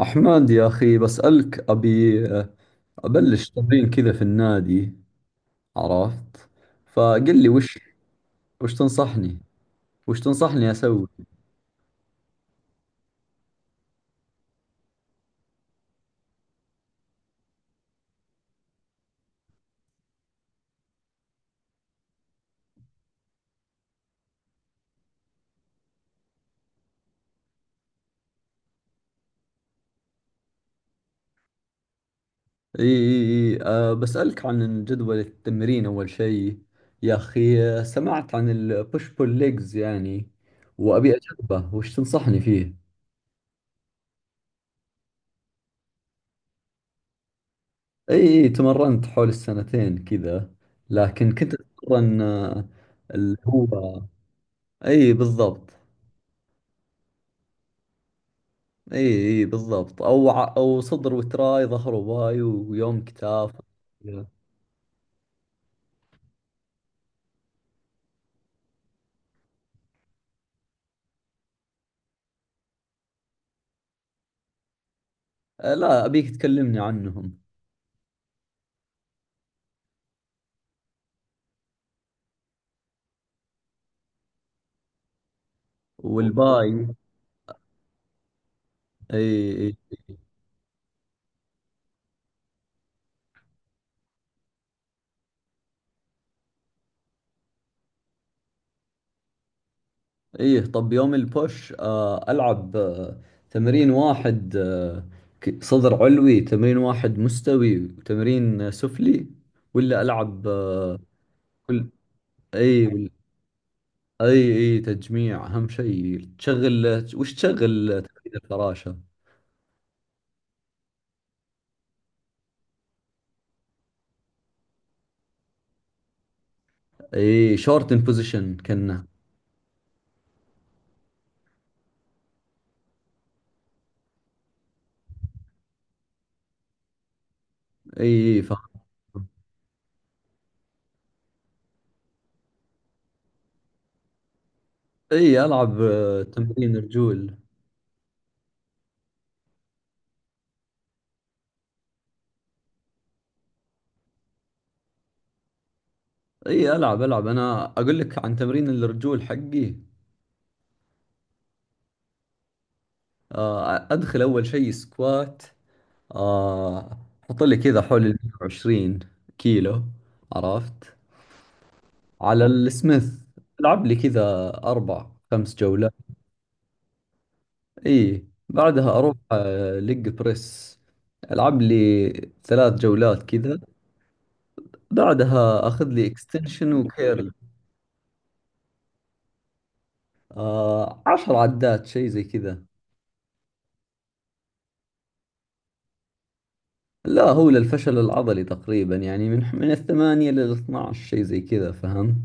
أحمد يا أخي، بسألك. أبي أبلش تمرين كذا في النادي. عرفت؟ فقل لي وش تنصحني وش تنصحني أسوي. إي إي إي بسألك عن جدول التمرين أول شيء. يا أخي سمعت عن البوش بول ليجز يعني، وأبي أجربه، وش تنصحني فيه؟ إي إي، تمرنت حول السنتين كذا، لكن كنت أتمرن أه، اللي هو إي بالضبط. اي اي بالضبط، او صدر وتراي، ظهر وباي، ويوم كتاف. آه، لا ابيك تكلمني عنهم. والبوش والباي؟ اي اي. اي طب يوم البوش العب تمرين واحد، صدر علوي تمرين واحد مستوي، وتمرين سفلي، ولا العب كل؟ اي وال- اي اي، تجميع اهم شيء. تشغل، وش تشغل تمرين الفراشة؟ اي شورت ان بوزيشن كنا. اي اي. العب تمرين رجول. اي العب العب، انا اقول لك عن تمرين الرجول حقي. ادخل اول شيء سكوات، آه، احط لي كذا حول ال 120 كيلو. عرفت؟ على السميث. العب لي كذا اربع خمس جولات. اي بعدها اروح لج بريس. العب لي ثلاث جولات كذا. بعدها اخذ لي اكستنشن وكيرل. عشر عدات شيء زي كذا. لا، هو للفشل العضلي تقريبا يعني، من الثمانية للاثنى عشر شيء زي كذا، فهمت؟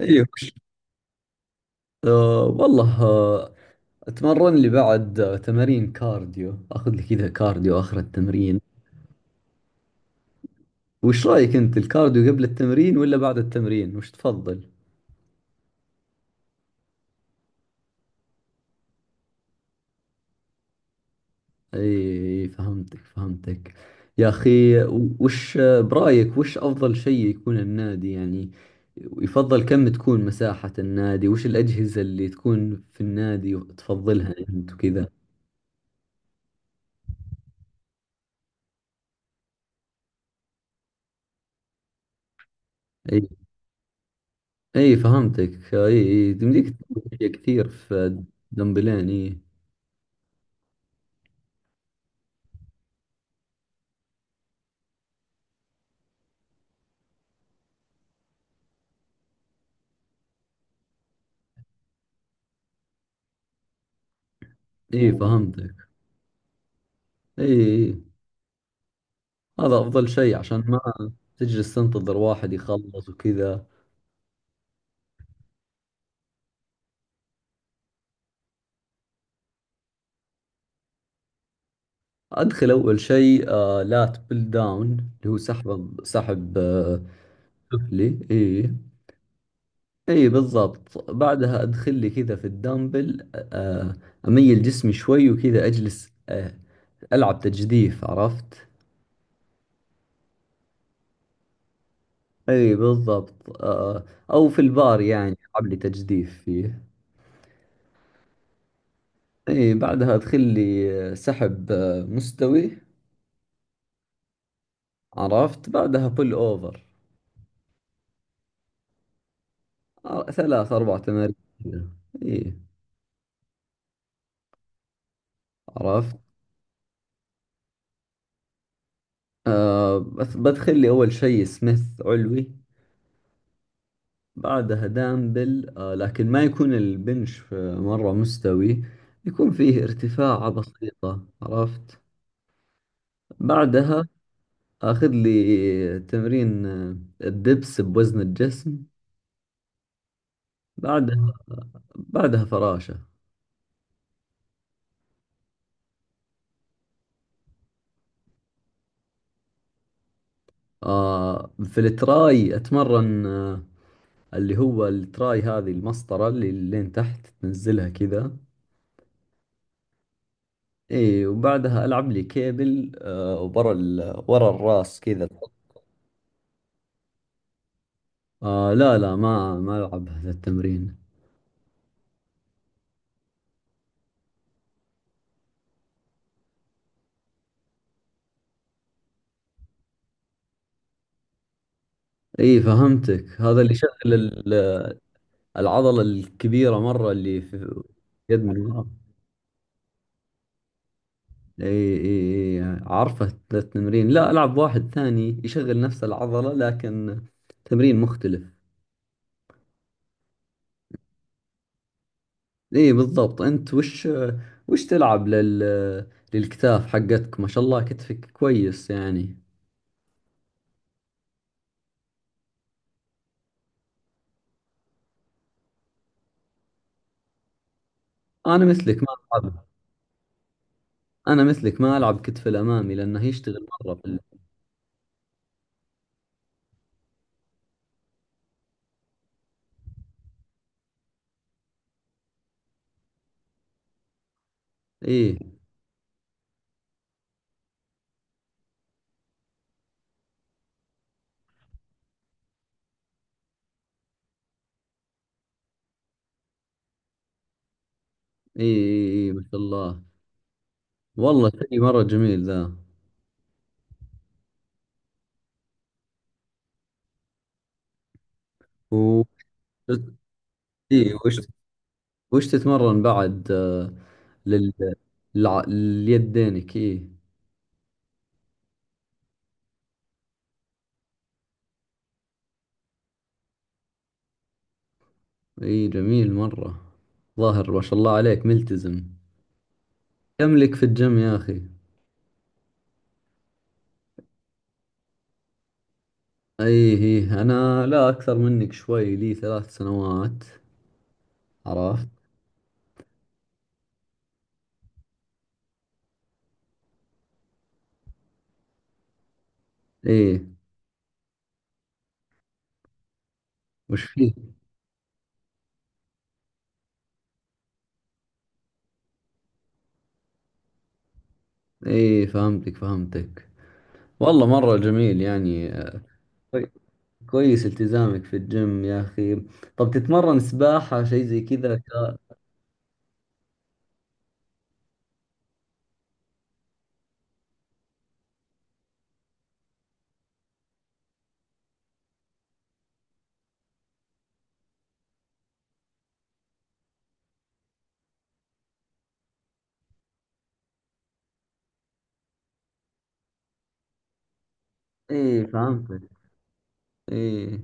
ايوه. آه والله آه اتمرن لي بعد تمارين كارديو، اخذ لي كذا كارديو اخر التمرين. وش رايك انت، الكارديو قبل التمرين ولا بعد التمرين، وش تفضل؟ اي فهمتك فهمتك يا اخي. وش برايك، وش افضل شيء يكون النادي يعني؟ يفضل كم تكون مساحة النادي، وش الاجهزة اللي تكون في النادي تفضلها انت وكذا؟ اي اي فهمتك اي اي، تمديك تسوي أشياء كثير في دمبلين. اي اي فهمتك اي اي. هذا افضل شيء، عشان ما تجلس تنتظر واحد يخلص وكذا. أدخل أول شيء لات بيل داون، اللي هو سحب سفلي. إي. إي بالضبط. بعدها أدخل لي كذا في الدمبل، أميل جسمي شوي وكذا، أجلس ألعب تجديف. عرفت؟ إي بالضبط أو في البار، يعني ألعب لي تجديف فيه. إي، بعدها أدخل لي سحب مستوي. عرفت؟ بعدها بول أوفر، ثلاث أربع تمارين كذا. إي. عرفت؟ بس بدخل لي أول شيء سميث علوي. بعدها دامبل لكن ما يكون البنش مرة مستوي، يكون فيه ارتفاعة بسيطة. عرفت؟ بعدها أخذ لي تمرين الدبس بوزن الجسم. بعدها بعدها فراشة. في التراي أتمرن، اللي هو التراي هذه المسطرة اللي لين تحت تنزلها كذا. اي وبعدها العب لي كيبل ورا الراس كذا. آه لا لا، ما العب هذا التمرين. اي فهمتك، هذا اللي يشغل ال- العضلة الكبيرة مرة، اللي في يد من ورا. اي اي اي، عارفه ذا التمرين. لا العب واحد ثاني يشغل نفس العضلة لكن تمرين مختلف. اي بالضبط. انت وش تلعب للكتاف حقتك؟ ما شاء الله، كتفك كويس يعني. انا مثلك ما العب انا مثلك ما العب كتف الامامي، لانه يشتغل مره في ايه ايه ايه إيه، ما شاء الله. والله شيء مره جميل ذا. و... ايه وش تتمرن بعد، لل... للع... ليدينك ايه؟ ايه جميل مره، ظاهر ما شاء الله عليك ملتزم. كم لك في الجيم يا اخي؟ ايه ايه، انا لا، اكثر منك شوي، لي ثلاث سنوات. عرفت؟ ايه، وش فيه؟ ايه فهمتك فهمتك. والله مرة جميل يعني. كوي- كويس التزامك في الجيم يا أخي. طب تتمرن سباحة شيء زي كذا؟ إيه فهمتك. إيه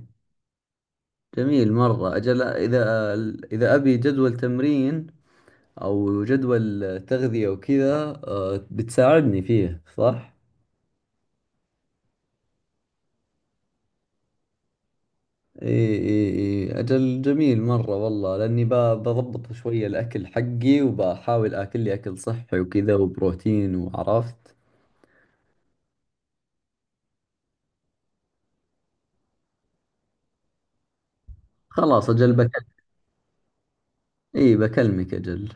جميل مرة. أجل إذا، أبي جدول تمرين، أو جدول تغذية وكذا، بتساعدني فيه صح؟ إيه إيه إيه أجل. جميل مرة والله، لأني بضبط شوية الأكل حقي وبحاول آكل لي أكل صحي وكذا وبروتين وعرفت. خلاص أجل بكلمك. إيه بكلمك أجل.